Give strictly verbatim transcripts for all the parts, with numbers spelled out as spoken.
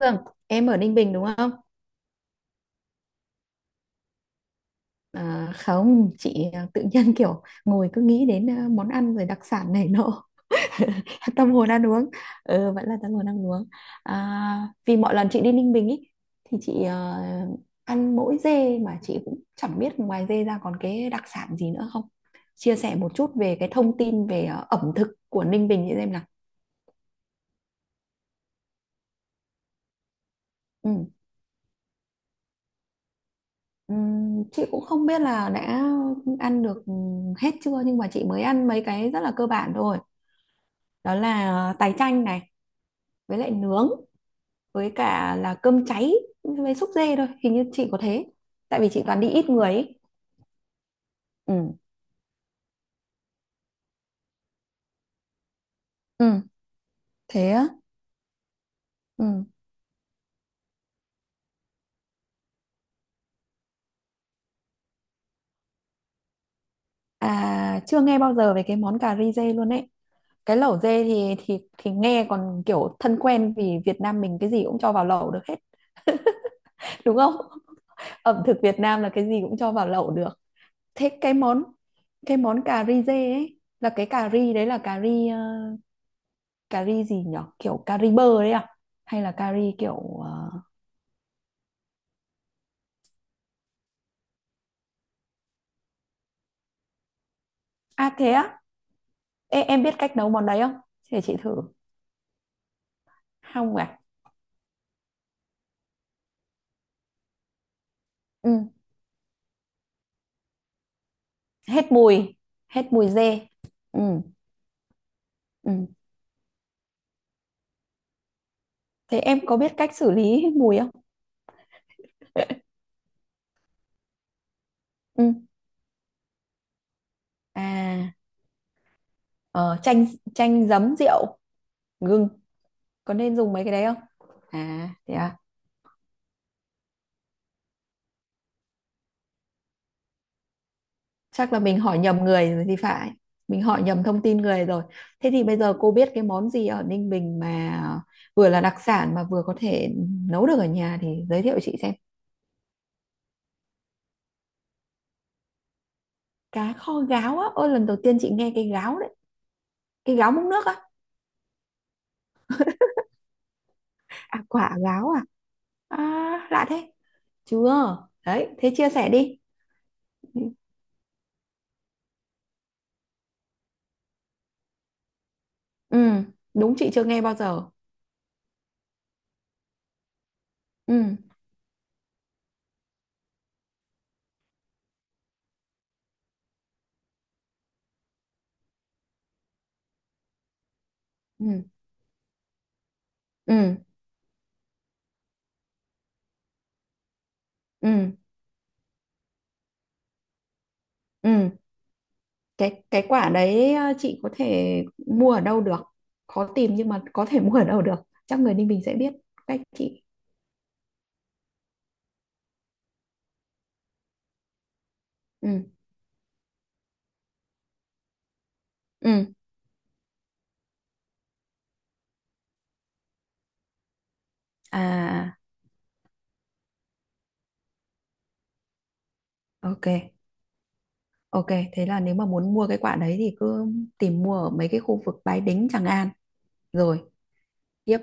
Vâng, em ở Ninh Bình đúng không? À, không, chị à, tự nhiên kiểu ngồi cứ nghĩ đến à, món ăn rồi đặc sản này nọ. Tâm hồn ăn uống. Ừ, vẫn là tâm hồn ăn uống. À, vì mọi lần chị đi Ninh Bình ý, thì chị à, ăn mỗi dê mà chị cũng chẳng biết ngoài dê ra còn cái đặc sản gì nữa không. Chia sẻ một chút về cái thông tin về à, ẩm thực của Ninh Bình chị xem nào. Ừ. Ừm, chị cũng không biết là đã ăn được hết chưa nhưng mà chị mới ăn mấy cái rất là cơ bản thôi, đó là tái chanh này, với lại nướng, với cả là cơm cháy với xúc dê thôi, hình như chị có thế, tại vì chị toàn đi ít người ấy. Ừ. Ừ. Thế á. Ừ. À, chưa nghe bao giờ về cái món cà ri dê luôn ấy. Cái lẩu dê thì thì thì nghe còn kiểu thân quen, vì Việt Nam mình cái gì cũng cho vào lẩu được hết. Đúng không? Ẩm thực Việt Nam là cái gì cũng cho vào lẩu được. Thế cái món, cái món cà ri dê ấy là cái cà ri đấy, là cà ri ờ, cà ri gì nhở, kiểu cà ri bơ đấy à, hay là cà ri kiểu ờ, à thế á. Ê, em biết cách nấu món đấy không, để chị thử. Không à. Ừ. Hết mùi. Hết mùi dê. Ừ. Ừ. Thế em có biết cách xử lý hết mùi không? Ừ. À. ờ, Chanh, chanh giấm rượu gừng, có nên dùng mấy cái đấy không? À thế à. Chắc là mình hỏi nhầm người rồi thì phải, mình hỏi nhầm thông tin người rồi. Thế thì bây giờ cô biết cái món gì ở Ninh Bình mà vừa là đặc sản mà vừa có thể nấu được ở nhà thì giới thiệu chị xem. Cá kho gáo á, ôi lần đầu tiên chị nghe cái gáo đấy. Cái gáo múc nước á? À quả gáo à? À lạ thế. Chưa. Đấy thế chia sẻ đi. Ừ. Đúng chị chưa nghe bao giờ. Ừ. Ừ. Ừ. Ừ. Ừ. cái cái quả đấy ờ, chị có thể mua ở đâu được? Khó tìm nhưng mà có thể mua ở đâu được, chắc người Ninh Bình sẽ biết cách chị. Ừ. Ừ. À. À. À. Ok. Ok. Thế là nếu mà muốn mua cái quả đấy thì cứ tìm mua ở mấy cái khu vực Bái Đính Tràng An. Rồi. Tiếp.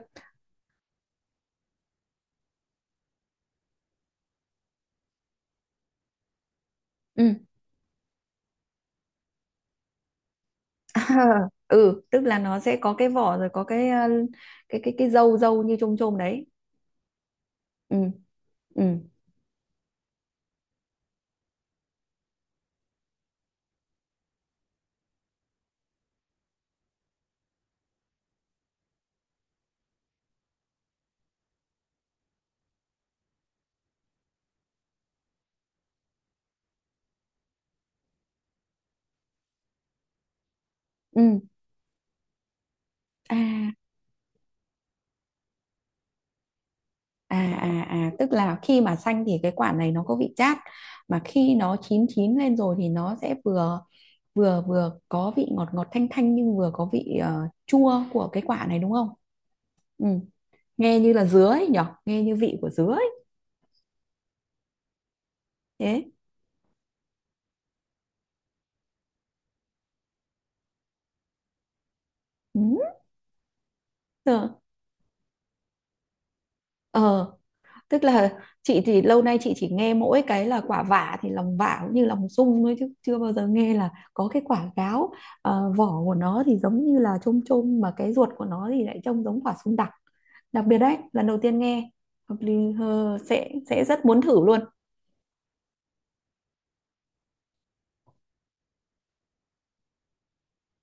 Ừ. Ừ, tức là nó sẽ có cái vỏ rồi có cái ờ, cái cái cái dâu dâu như chôm chôm đấy. Ừ. Ừ. Ừ. À. À, à, à, tức là khi mà xanh thì cái quả này nó có vị chát, mà khi nó chín chín lên rồi thì nó sẽ vừa, vừa vừa có vị ngọt ngọt thanh thanh nhưng vừa có vị ờ, chua của cái quả này đúng không? Ừ. Nghe như là dứa ấy nhở, nghe như vị của dứa ấy. Thế. Ừ. Ờ. Tức là chị thì lâu nay chị chỉ nghe mỗi cái là quả vả thì lòng vả cũng như lòng sung thôi chứ chưa bao giờ nghe là có cái quả gáo. Ờ, vỏ của nó thì giống như là chôm chôm mà cái ruột của nó thì lại trông giống quả sung đặc, đặc biệt đấy, lần đầu tiên nghe. Hợp lý. hơ, sẽ sẽ rất muốn thử luôn.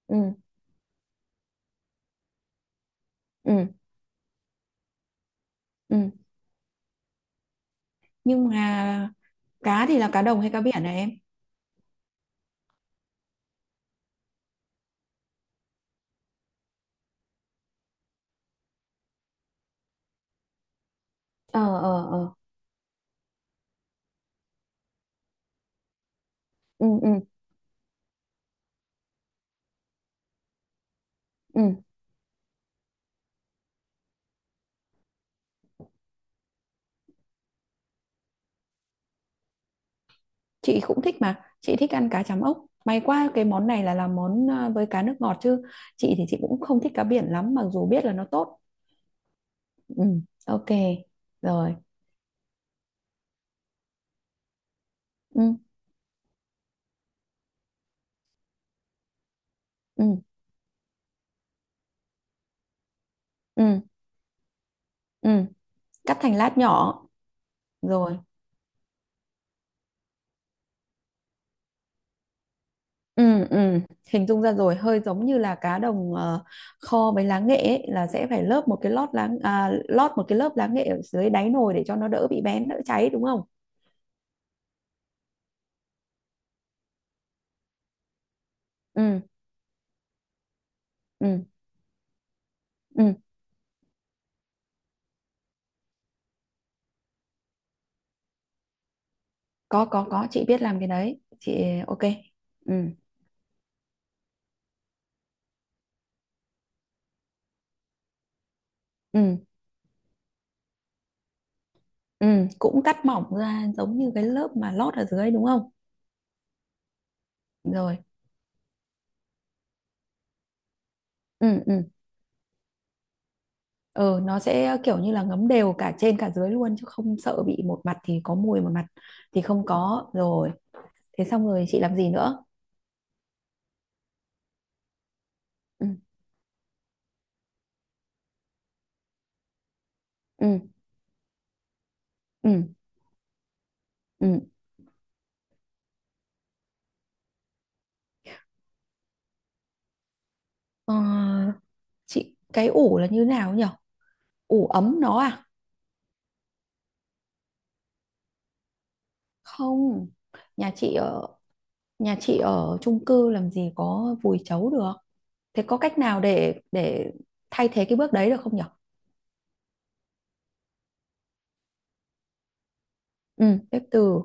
Ừ. Ừ. Ừ. Nhưng mà cá thì là cá đồng hay cá biển này em? Ờ ờ ờ. Ừ ừ ừ. Chị cũng thích mà, chị thích ăn cá chấm, ốc may quá cái món này là làm món à, với cá nước ngọt chứ. Chị thì chị cũng không thích cá biển lắm mặc dù biết là nó tốt. Ừ. Ok. Rồi. Ừ. Ừ. Ừ. Ừ. Cắt thành lát nhỏ. Rồi. Ừ. Ừ. Hình dung ra rồi, hơi giống như là cá đồng ờ, kho với lá nghệ ấy, là sẽ phải lớp một cái lót lá, à, lót một cái lớp lá nghệ ở dưới đáy nồi để cho nó đỡ bị bén, đỡ cháy đúng không? Ừ. Ừ. Ừ. có có có chị biết làm cái đấy chị. Ok. Ừ. Ừ. Ừ. Cũng cắt mỏng ra giống như cái lớp mà lót ở dưới đúng không? Rồi. Ừ. Ừ. Ừ. Nó sẽ ờ, kiểu như là ngấm đều cả trên cả dưới luôn chứ không sợ bị một mặt thì có mùi, một mặt thì không có rồi. Thế xong rồi chị làm gì nữa? Ừ. Ừ. Ừ. Ừ. ờ, chị cái ủ là như nào nhỉ, ủ ấm nó à? Không, nhà chị ở, nhà chị ở chung cư làm gì có vùi chấu được. Thế có cách nào để để thay thế cái bước đấy được không nhỉ? Ừ. Bếp từ.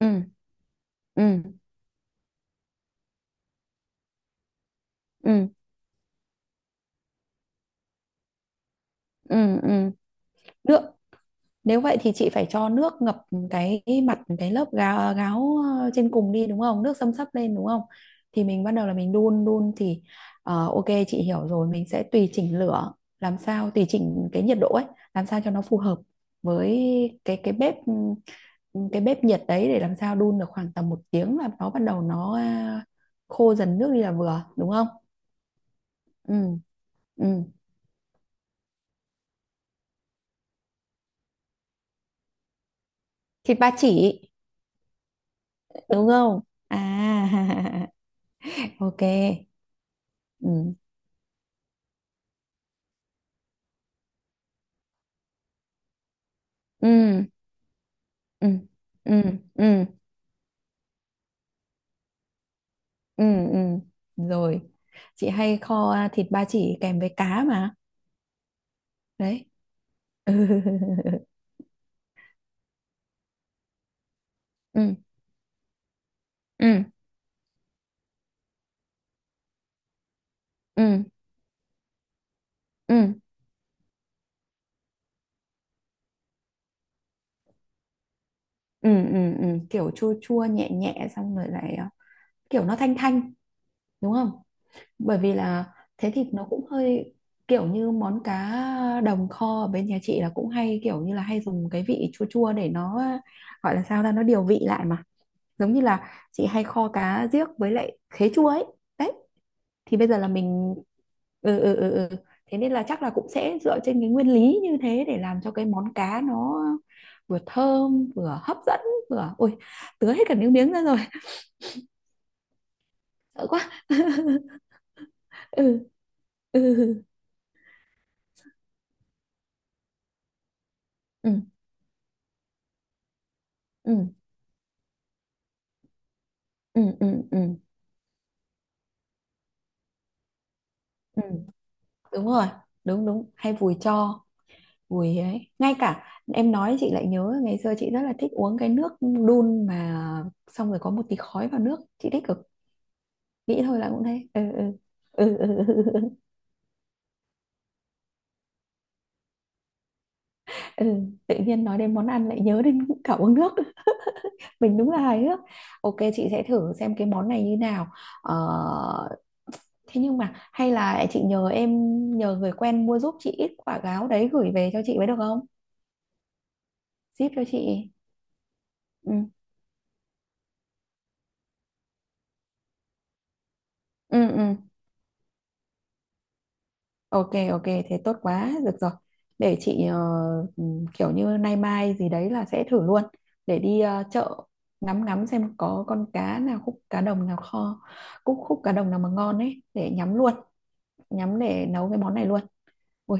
Ừ. Ừ. Ừ. Ừ. Ừ. Nước. Nếu vậy thì chị phải cho nước ngập cái mặt cái lớp gáo, gáo ờ, trên cùng đi đúng không, nước xâm xấp lên đúng không? Thì mình bắt đầu là mình đun đun thì ờ, ok chị hiểu rồi, mình sẽ tùy chỉnh lửa, làm sao tùy chỉnh cái nhiệt độ ấy làm sao cho nó phù hợp với cái cái bếp, ừ, cái bếp nhiệt đấy để làm sao đun được khoảng tầm một tiếng là nó bắt đầu nó à, khô dần nước đi là vừa đúng không? Ừ. Ừ. Thịt ba chỉ đúng không? À ok. Ừ. Ừ. Ừ. Ừ. Ừ. Ừ. Ừ. Rồi. Chị hay kho à, thịt ba chỉ kèm với cá mà. Đấy. Ừ. Ừ. Ừ. Ừ. Ừ. Ừ. Ừ. Ừ. Kiểu chua chua nhẹ nhẹ xong rồi lại à, kiểu nó thanh thanh đúng không? Bởi vì là thế thì nó cũng hơi kiểu như món cá đồng kho ở bên nhà chị là cũng hay kiểu như là hay dùng cái vị chua chua để nó gọi là sao ra nó điều vị lại mà, giống như là chị hay kho cá riếc với lại khế chua ấy. Đấy. Thì bây giờ là mình. Ừ. Ừ. Ừ. Ừ. Thế nên là chắc là cũng sẽ dựa trên cái nguyên lý như thế để làm cho cái món cá nó vừa thơm vừa hấp dẫn, vừa ôi, tứa hết cả nước miếng ra rồi. Sợ quá. Ừ. Ừ. Ừ. Ừ. Ừ. Ừ. Ừ. Ừ. Đúng rồi. Đúng đúng, hay vùi cho, vùi ấy. Ngay cả em nói chị lại nhớ ngày xưa chị rất là thích uống cái nước đun mà xong rồi có một tí khói vào nước, chị thích cực. Nghĩ thôi là cũng thế. Ừ. Ừ. Ừ. Ừ. Ừ. Ừ. Ừ. Ừ. tự nhiên nói đến món ăn lại nhớ đến cả uống nước, mình đúng là hài hước. Ok chị sẽ thử xem cái món này như nào. ờ, thế nhưng mà hay là chị nhờ em, nhờ người quen mua giúp chị ít quả gáo đấy gửi về cho chị mới được không, ship cho chị. Ừ. Ừ, ừ. Ok ok, thế tốt quá được rồi. Để chị ờ, ừ, kiểu như nay mai gì đấy là sẽ thử luôn, để đi ờ, chợ, ngắm ngắm xem có con cá nào, khúc cá đồng nào kho, khúc khúc cá đồng nào mà ngon ấy để nhắm luôn, nhắm để nấu cái món này luôn. Ui,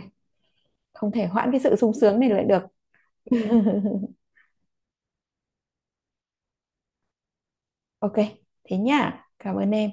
không thể hoãn cái sự sung sướng này lại được. Ok thế nhá, cảm ơn em.